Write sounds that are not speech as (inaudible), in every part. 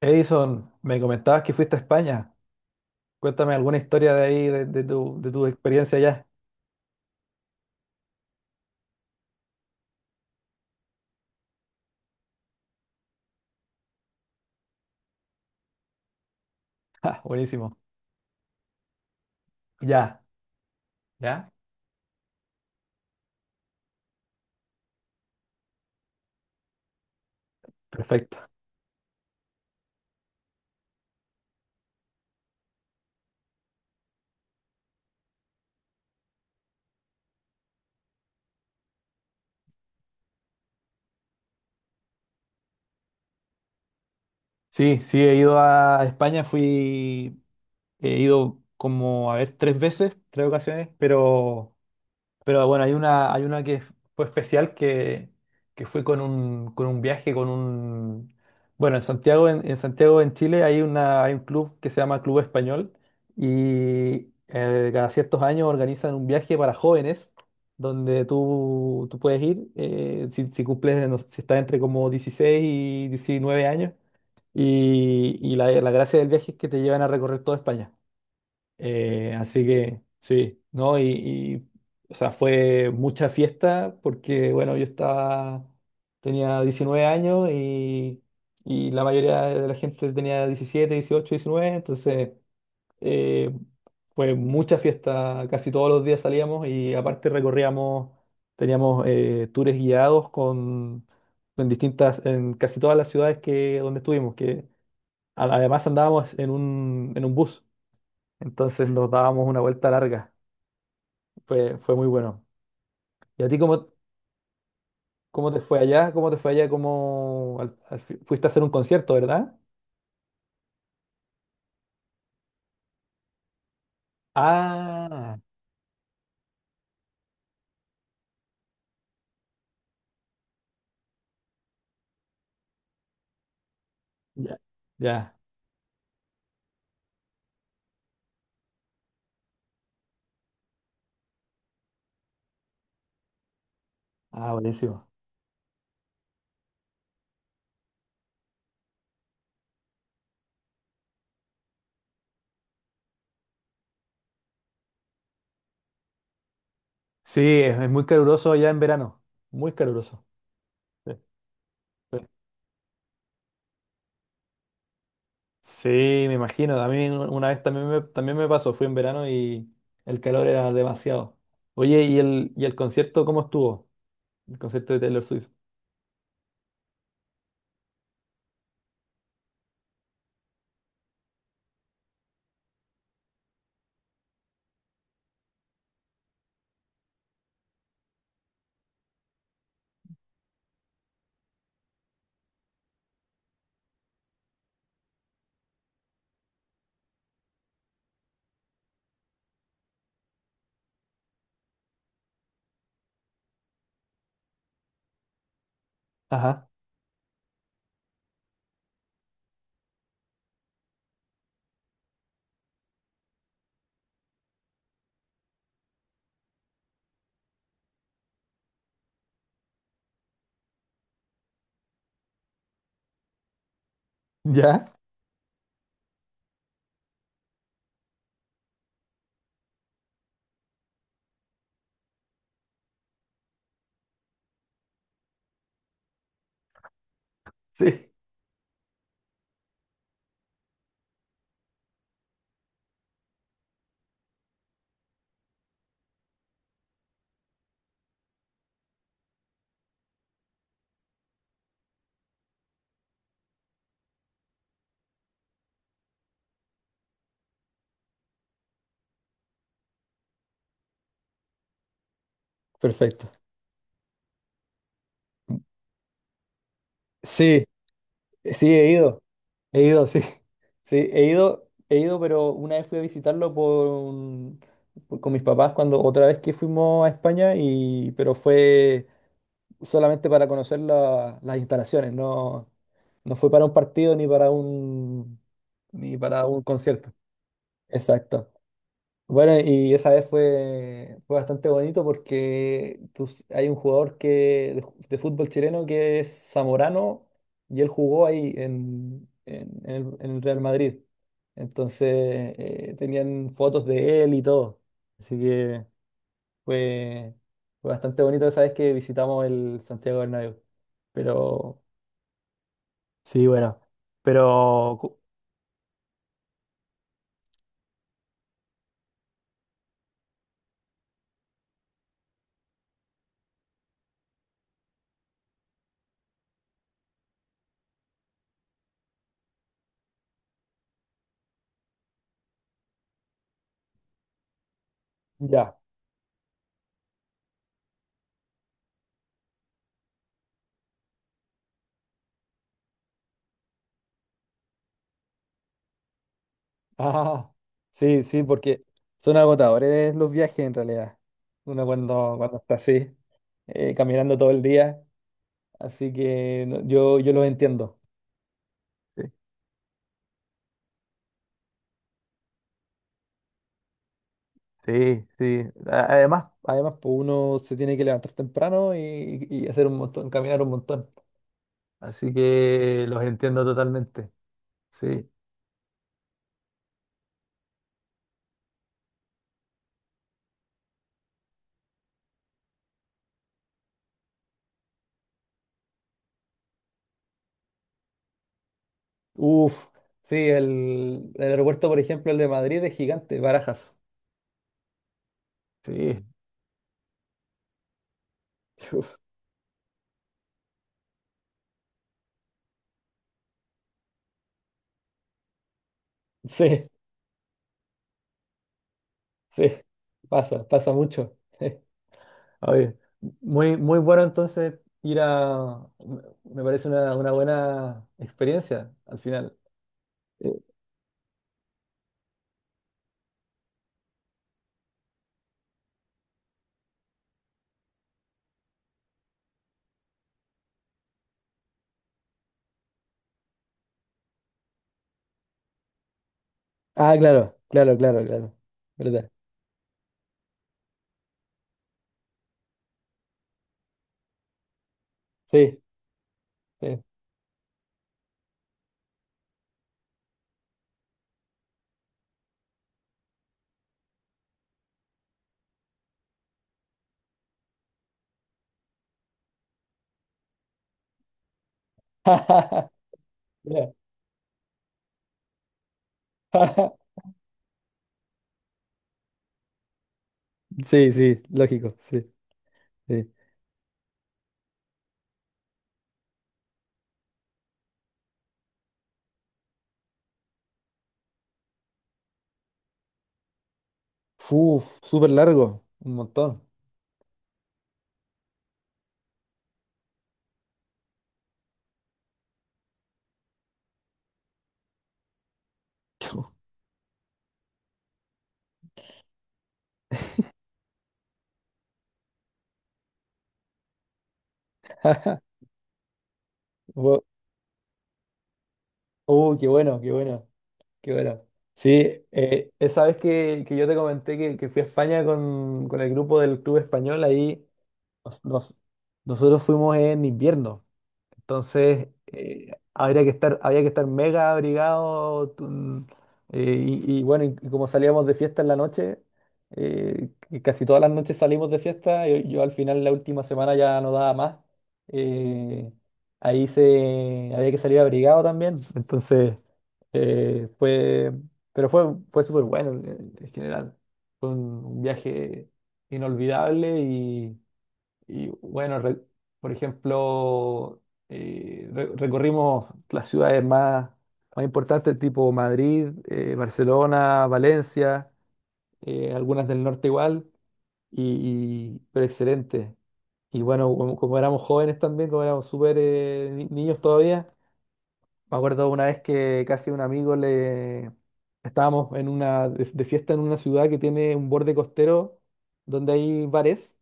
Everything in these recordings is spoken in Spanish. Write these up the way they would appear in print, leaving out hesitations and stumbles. Edison, me comentabas que fuiste a España. Cuéntame alguna historia de ahí, de tu experiencia allá. (laughs) Ja, buenísimo. Ya. ¿Ya? Perfecto. Sí, sí, he ido a España, fui, he ido como, a ver, tres veces, tres ocasiones, pero... Pero bueno, hay una que fue especial, que fue con un, viaje, con un... Bueno, en Santiago, en Santiago, en Chile, hay un club que se llama Club Español. Y cada ciertos años organizan un viaje para jóvenes donde tú puedes ir, si cumples, no sé, si estás entre como 16 y 19 años, y, la gracia del viaje es que te llevan a recorrer toda España. Así que sí, ¿no? Y, y, o sea, fue mucha fiesta porque, bueno, yo estaba, tenía 19 años, y la mayoría de la gente tenía 17, 18, 19. Entonces eh, fue mucha fiesta, casi todos los días salíamos, y aparte recorríamos, teníamos, tours guiados con, en distintas, en casi todas las ciudades que, donde estuvimos, que además andábamos en un, bus. Entonces nos dábamos una vuelta larga. Fue muy bueno. ¿Y a ti cómo, te fue allá? ¿Cómo te fue allá? ¿Cómo fuiste a hacer un concierto, verdad? Ah, ya. Ya. Ah, buenísimo. Sí, es muy caluroso allá en verano. Muy caluroso. Sí, sí. Sí, me imagino. A mí una vez también me pasó. Fui en verano y el calor era demasiado. Oye, ¿y el concierto cómo estuvo? El concierto de Taylor Swift. Ajá. ¿Ya? Sí. Perfecto. Sí. Sí, he ido, sí. (laughs) Sí, he ido, pero una vez fui a visitarlo con mis papás, cuando otra vez que fuimos a España, y pero fue solamente para conocer las instalaciones, no, no fue para un partido, ni para un concierto. Exacto. Bueno, y esa vez fue, fue bastante bonito porque hay un jugador que, de, de fútbol chileno que es Zamorano, y él jugó ahí en el Real Madrid. Entonces tenían fotos de él y todo. Así que fue, fue bastante bonito esa vez que visitamos el Santiago Bernabéu. Pero sí, bueno, pero cu- ya. Ah, sí, sí, porque son agotadores los viajes en realidad. Uno cuando, cuando está así, caminando todo el día, así que yo, yo los entiendo. Sí. Sí, sí. Además, pues uno se tiene que levantar temprano y hacer un montón, caminar un montón. Así que los entiendo totalmente. Sí. Uf, sí, el aeropuerto, por ejemplo, el de Madrid es gigante, Barajas. Sí. (laughs) Uf, sí. Sí, pasa mucho. (laughs) Oye, muy, muy bueno entonces ir a... Me parece una buena experiencia al final. Eh, Ah, claro, claro, claro, claro. ¿Verdad? Sí, sí. (laughs) Mira, (laughs) Sí, sí, lógico, sí, sí. Uf, súper largo, un montón. (laughs) Bu- qué bueno, qué bueno. Qué bueno. Sí, esa vez que, yo te comenté que, fui a España con el grupo del Club Español, ahí nos- nos- nosotros fuimos en invierno. Entonces, había que estar mega abrigado. Y, y bueno, y como salíamos de fiesta en la noche, que casi todas las noches salimos de fiesta. Yo al final, la última semana ya no daba más. eh, Ahí se, había que salir abrigado también. Entonces, fue, pero fue, fue súper bueno en general. Fue un viaje inolvidable, y bueno, por ejemplo, recorrimos las ciudades más, más importantes, tipo Madrid, Barcelona, Valencia, algunas del norte igual, y, pero excelente. Y bueno, como, como éramos jóvenes también, como éramos súper niños todavía. Me acuerdo una vez que casi un amigo le... Estábamos en de fiesta en una ciudad que tiene un borde costero donde hay bares,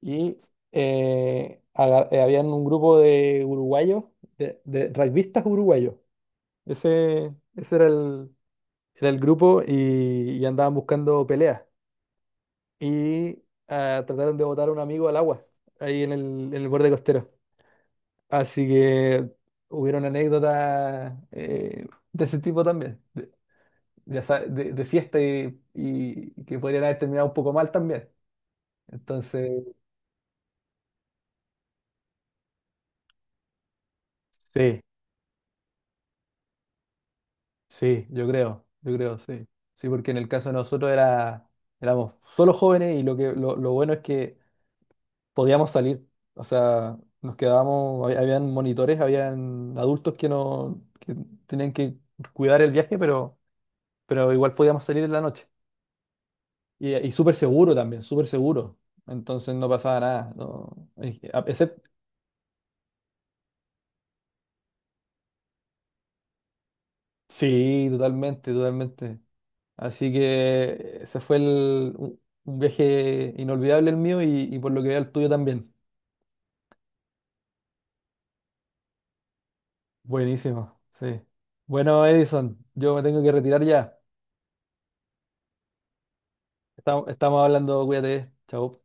y habían un grupo de uruguayos, de rugbistas uruguayos. Ese, ese era era el grupo, y andaban buscando peleas. Y trataron de botar a un amigo al agua ahí en el borde costero. Así que hubieron anécdotas de ese tipo también, de, de fiesta y que podrían haber terminado un poco mal también. Entonces, sí, sí, yo creo, sí. Sí, porque en el caso de nosotros era, éramos solo jóvenes, y lo que, lo bueno es que podíamos salir. O sea, nos quedábamos, habían monitores, habían adultos que no, que tenían que cuidar el viaje, pero igual podíamos salir en la noche. Y súper seguro también, súper seguro. Entonces no pasaba nada. No, excepto, sí, totalmente, totalmente. Así que ese fue el, un viaje inolvidable el mío, y por lo que veo el tuyo también. Buenísimo, sí. Bueno, Edison, yo me tengo que retirar ya. Estamos, estamos hablando, cuídate. Chao.